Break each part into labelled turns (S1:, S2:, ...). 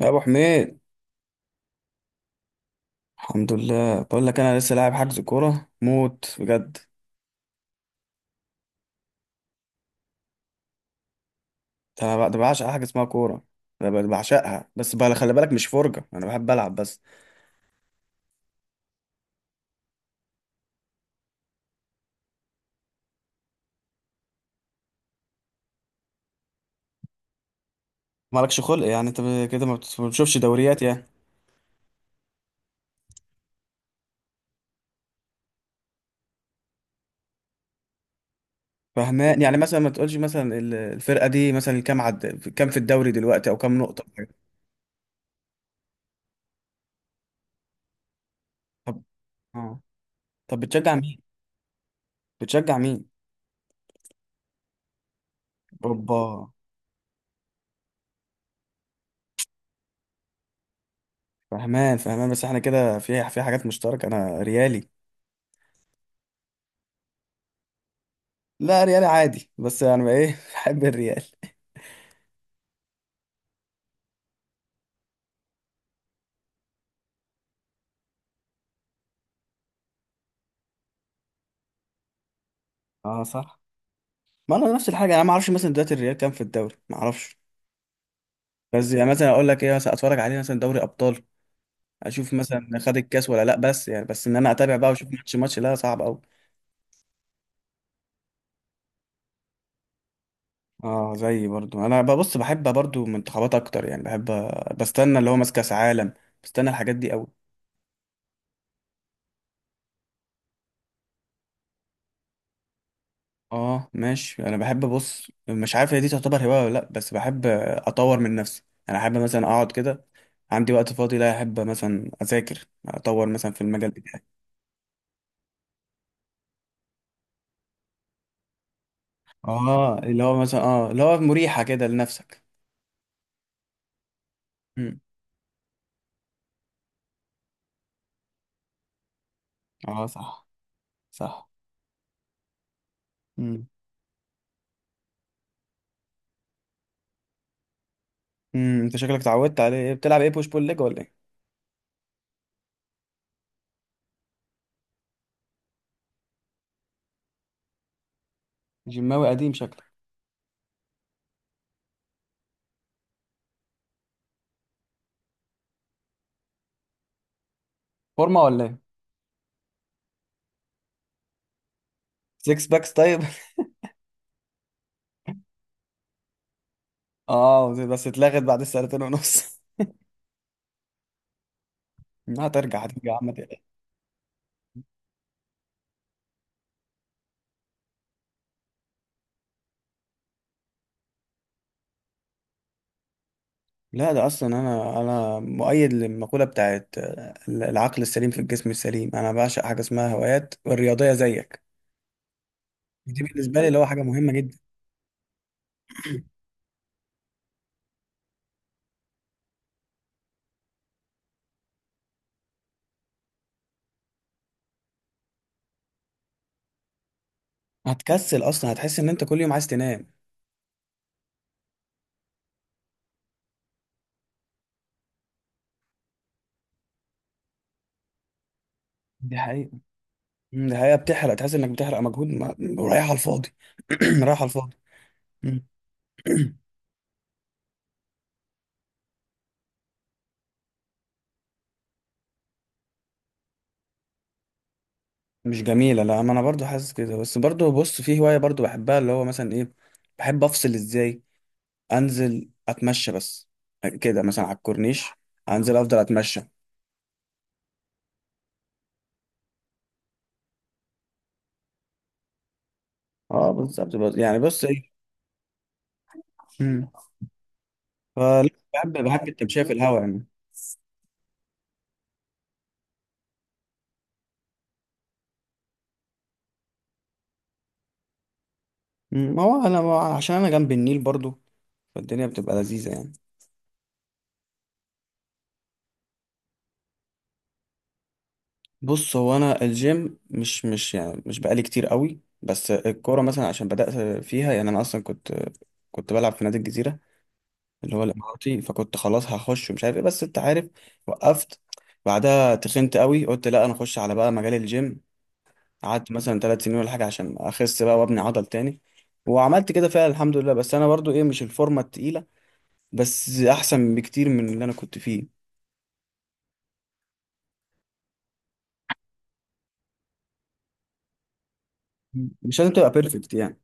S1: يا ابو حميد. الحمد لله، بقول لك انا لسه لاعب حجز كوره موت بجد. انا ده بعشق حاجه اسمها كوره. انا بعشقها، بس بقى خلي بالك مش فرجه، انا بحب العب بس. مالكش خلق يعني، انت كده ما بتشوفش دوريات يعني؟ فهمان يعني، مثلا ما تقولش مثلا الفرقه دي مثلا كام عد، كام في الدوري دلوقتي، او كام نقطه أو حاجة. طب اه طب بتشجع مين؟ بتشجع مين؟ اوبا. فهمان فهمان، بس احنا كده في حاجات مشتركه، انا ريالي. لا، ريالي عادي، بس انا يعني ايه بحب الريال. اه صح. ما انا نفس الحاجه، انا ما اعرفش مثلا دلوقتي الريال كام في الدوري، ما اعرفش. بس يعني مثلا اقول لك ايه، مثلا اتفرج عليه مثلا دوري ابطال، اشوف مثلا خد الكاس ولا لا، بس يعني بس ان انا اتابع بقى واشوف ماتش ماتش، لا صعب قوي. اه، زي برضو انا ببص، بحب برضو منتخبات اكتر، يعني بحب بستنى اللي هو ماسك كاس عالم، بستنى الحاجات دي قوي. اه ماشي، انا بحب بص مش عارف هي دي تعتبر هوايه ولا لا، بس بحب اطور من نفسي. انا احب مثلا اقعد كده، عندي وقت فاضي، لا احب مثلا اذاكر اطور مثلا في المجال بتاعي. اه، اللي هو مريحة كده لنفسك. امم. اه، صح، صح. امم، امم، انت شكلك اتعودت عليه إيه، بتلعب ايه بوش بول ليج ولا ايه؟ جيماوي قديم شكلك؟ فورمة ولا ايه؟ سكس باكس طيب اه، بس اتلغت بعد السنتين ونص. لا، هترجع هترجع يا عم ما تقلقش. لا، ده اصلا انا مؤيد للمقولة بتاعت العقل السليم في الجسم السليم، انا بعشق حاجة اسمها هوايات والرياضية زيك. دي بالنسبة لي اللي هو حاجة مهمة جدا. هتكسل اصلا، هتحس ان انت كل يوم عايز تنام. دي حقيقة. مم، ده حقيقة، بتحرق تحس انك بتحرق مجهود ما رايح على الفاضي. رايح على الفاضي. مم. مش جميلة، لا ما انا برضو حاسس كده، بس برضو بص، في هواية برضو بحبها اللي هو مثلا ايه، بحب افصل ازاي، انزل اتمشى بس كده مثلا على الكورنيش، انزل افضل اتمشى. اه بالظبط، يعني بص ايه. مم. فلا، بحب بحب التمشية في الهواء يعني. مم، ما هو عشان انا جنب النيل برضو، فالدنيا بتبقى لذيذة يعني. بص، هو انا الجيم مش بقالي كتير قوي، بس الكوره مثلا عشان بدات فيها، يعني انا اصلا كنت كنت بلعب في نادي الجزيره اللي هو الاماراتي، فكنت خلاص هخش ومش عارف ايه، بس انت عارف، وقفت. بعدها تخنت قوي، قلت لا انا اخش على بقى مجال الجيم. قعدت مثلا 3 سنين ولا حاجه عشان اخس بقى وابني عضل تاني، وعملت كده فعلا الحمد لله. بس انا برضو ايه، مش الفورمه التقيله، بس احسن بكتير من اللي انا كنت فيه. مش لازم تبقى بيرفكت يعني.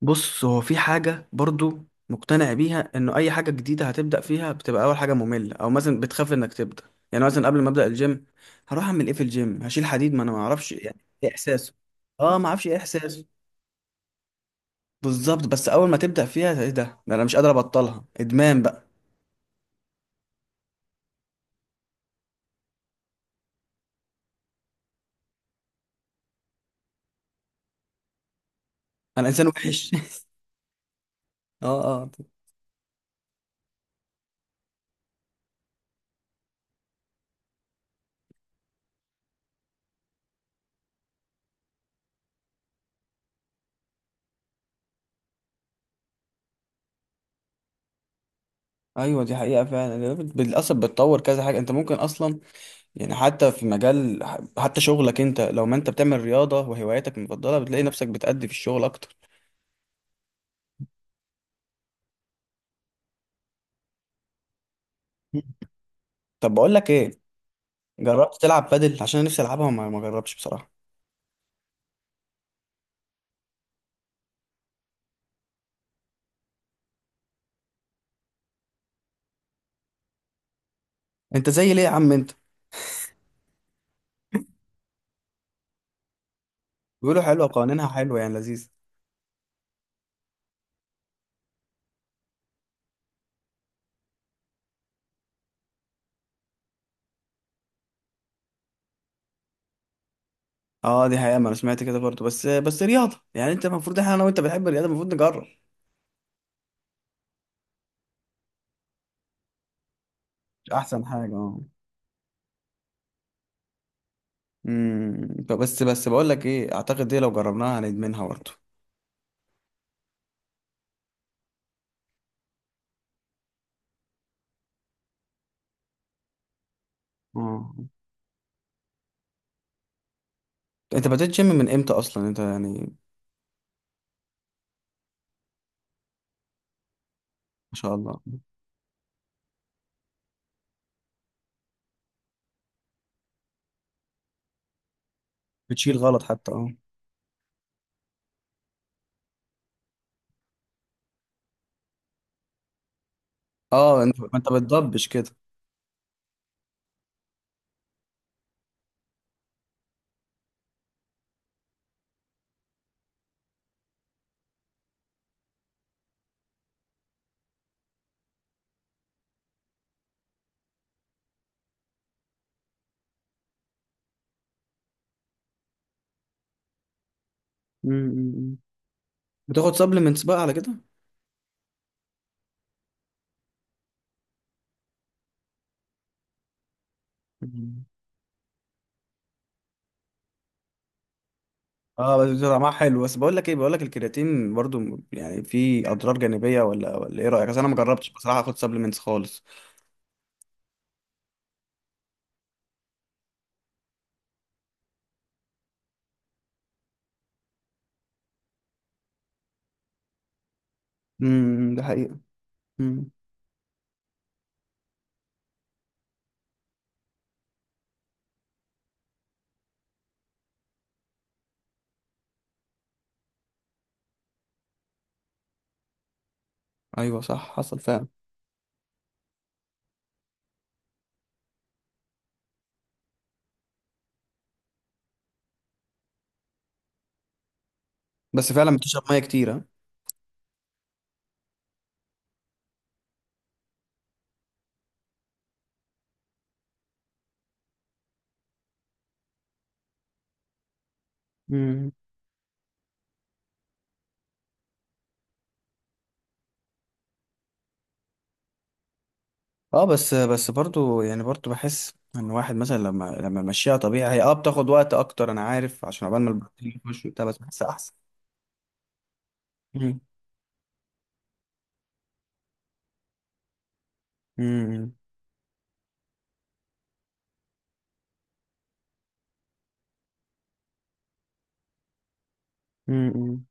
S1: بص، هو في حاجة برضو مقتنع بيها انه اي حاجة جديدة هتبدأ فيها بتبقى اول حاجة مملة، او مثلا بتخاف انك تبدأ. يعني مثلا قبل ما ابدأ الجيم، هروح اعمل ايه في الجيم، هشيل حديد، ما انا ما اعرفش يعني ايه احساسه. اه ما اعرفش ايه احساسه بالظبط، بس اول ما تبدأ فيها، ايه ده انا مش قادر ابطلها، ادمان بقى. انا انسان وحش اه، اه. ايوه دي حقيقة فعلا، للاسف بتطور كذا حاجة، انت ممكن اصلا، يعني حتى في مجال، حتى شغلك، انت لو ما انت بتعمل رياضة وهواياتك المفضلة بتلاقي نفسك بتأدي في الشغل اكتر. طب بقول لك ايه، جربت تلعب بادل؟ عشان أنا نفسي العبها وما ما جربتش بصراحه. انت زي ليه يا عم انت؟ بيقولوا حلوه، قوانينها حلوه يعني، لذيذ. اه، دي حقيقه، ما انا سمعت كده برضه، بس رياضه يعني، انت المفروض احنا انا وانت بنحب الرياضه المفروض نجرب. احسن حاجه اه. امم. بس بقول لك ايه، اعتقد دي لو جربناها هندمنها برضه. اه، انت بدأت جيم من امتى اصلا انت يعني؟ ما شاء الله. بتشيل غلط حتى، اه. اه، انت ما انت بتضبش كده. امم. بتاخد سبلمنتس بقى على كده؟ اه، بس طعمها حلو. بس بقول لك الكرياتين برضو يعني فيه اضرار جانبيه ولا ايه رايك؟ اصل انا ما جربتش بصراحه اخد سبلمنتس خالص. ده حقيقه. امم. ايوه صح حصل فعلا. بس فعلا بتشرب ميه كتير ها. امم. اه، بس برضو يعني، برضو بحس ان الواحد مثلا لما مشيها طبيعي هي بتاخد وقت اكتر، انا عارف، عشان عقبال ما البروتين يخش وبتاع، بس بحس احسن. امم، امم، امم.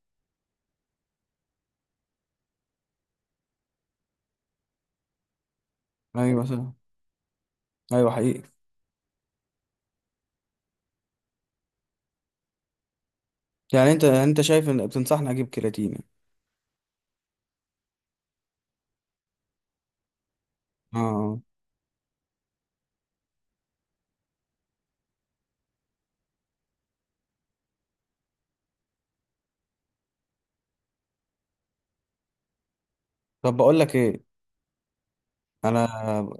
S1: ايوه صح. ايوه حقيقي. يعني انت شايف ان بتنصحني اجيب كرياتين؟ اه، طب بقول لك ايه، انا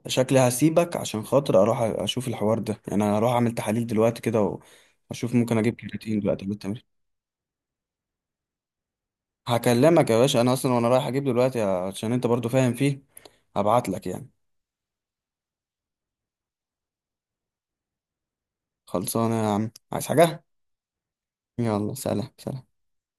S1: شكلي هسيبك عشان خاطر اروح اشوف الحوار ده، يعني انا هروح اعمل تحاليل دلوقتي كده واشوف ممكن اجيب كرياتين دلوقتي قبل التمرين. هكلمك يا باشا انا اصلا وانا رايح اجيب دلوقتي عشان انت برضو فاهم فيه، هبعت لك يعني. خلصانه يا عم، عايز حاجه؟ يلا سلام سلام.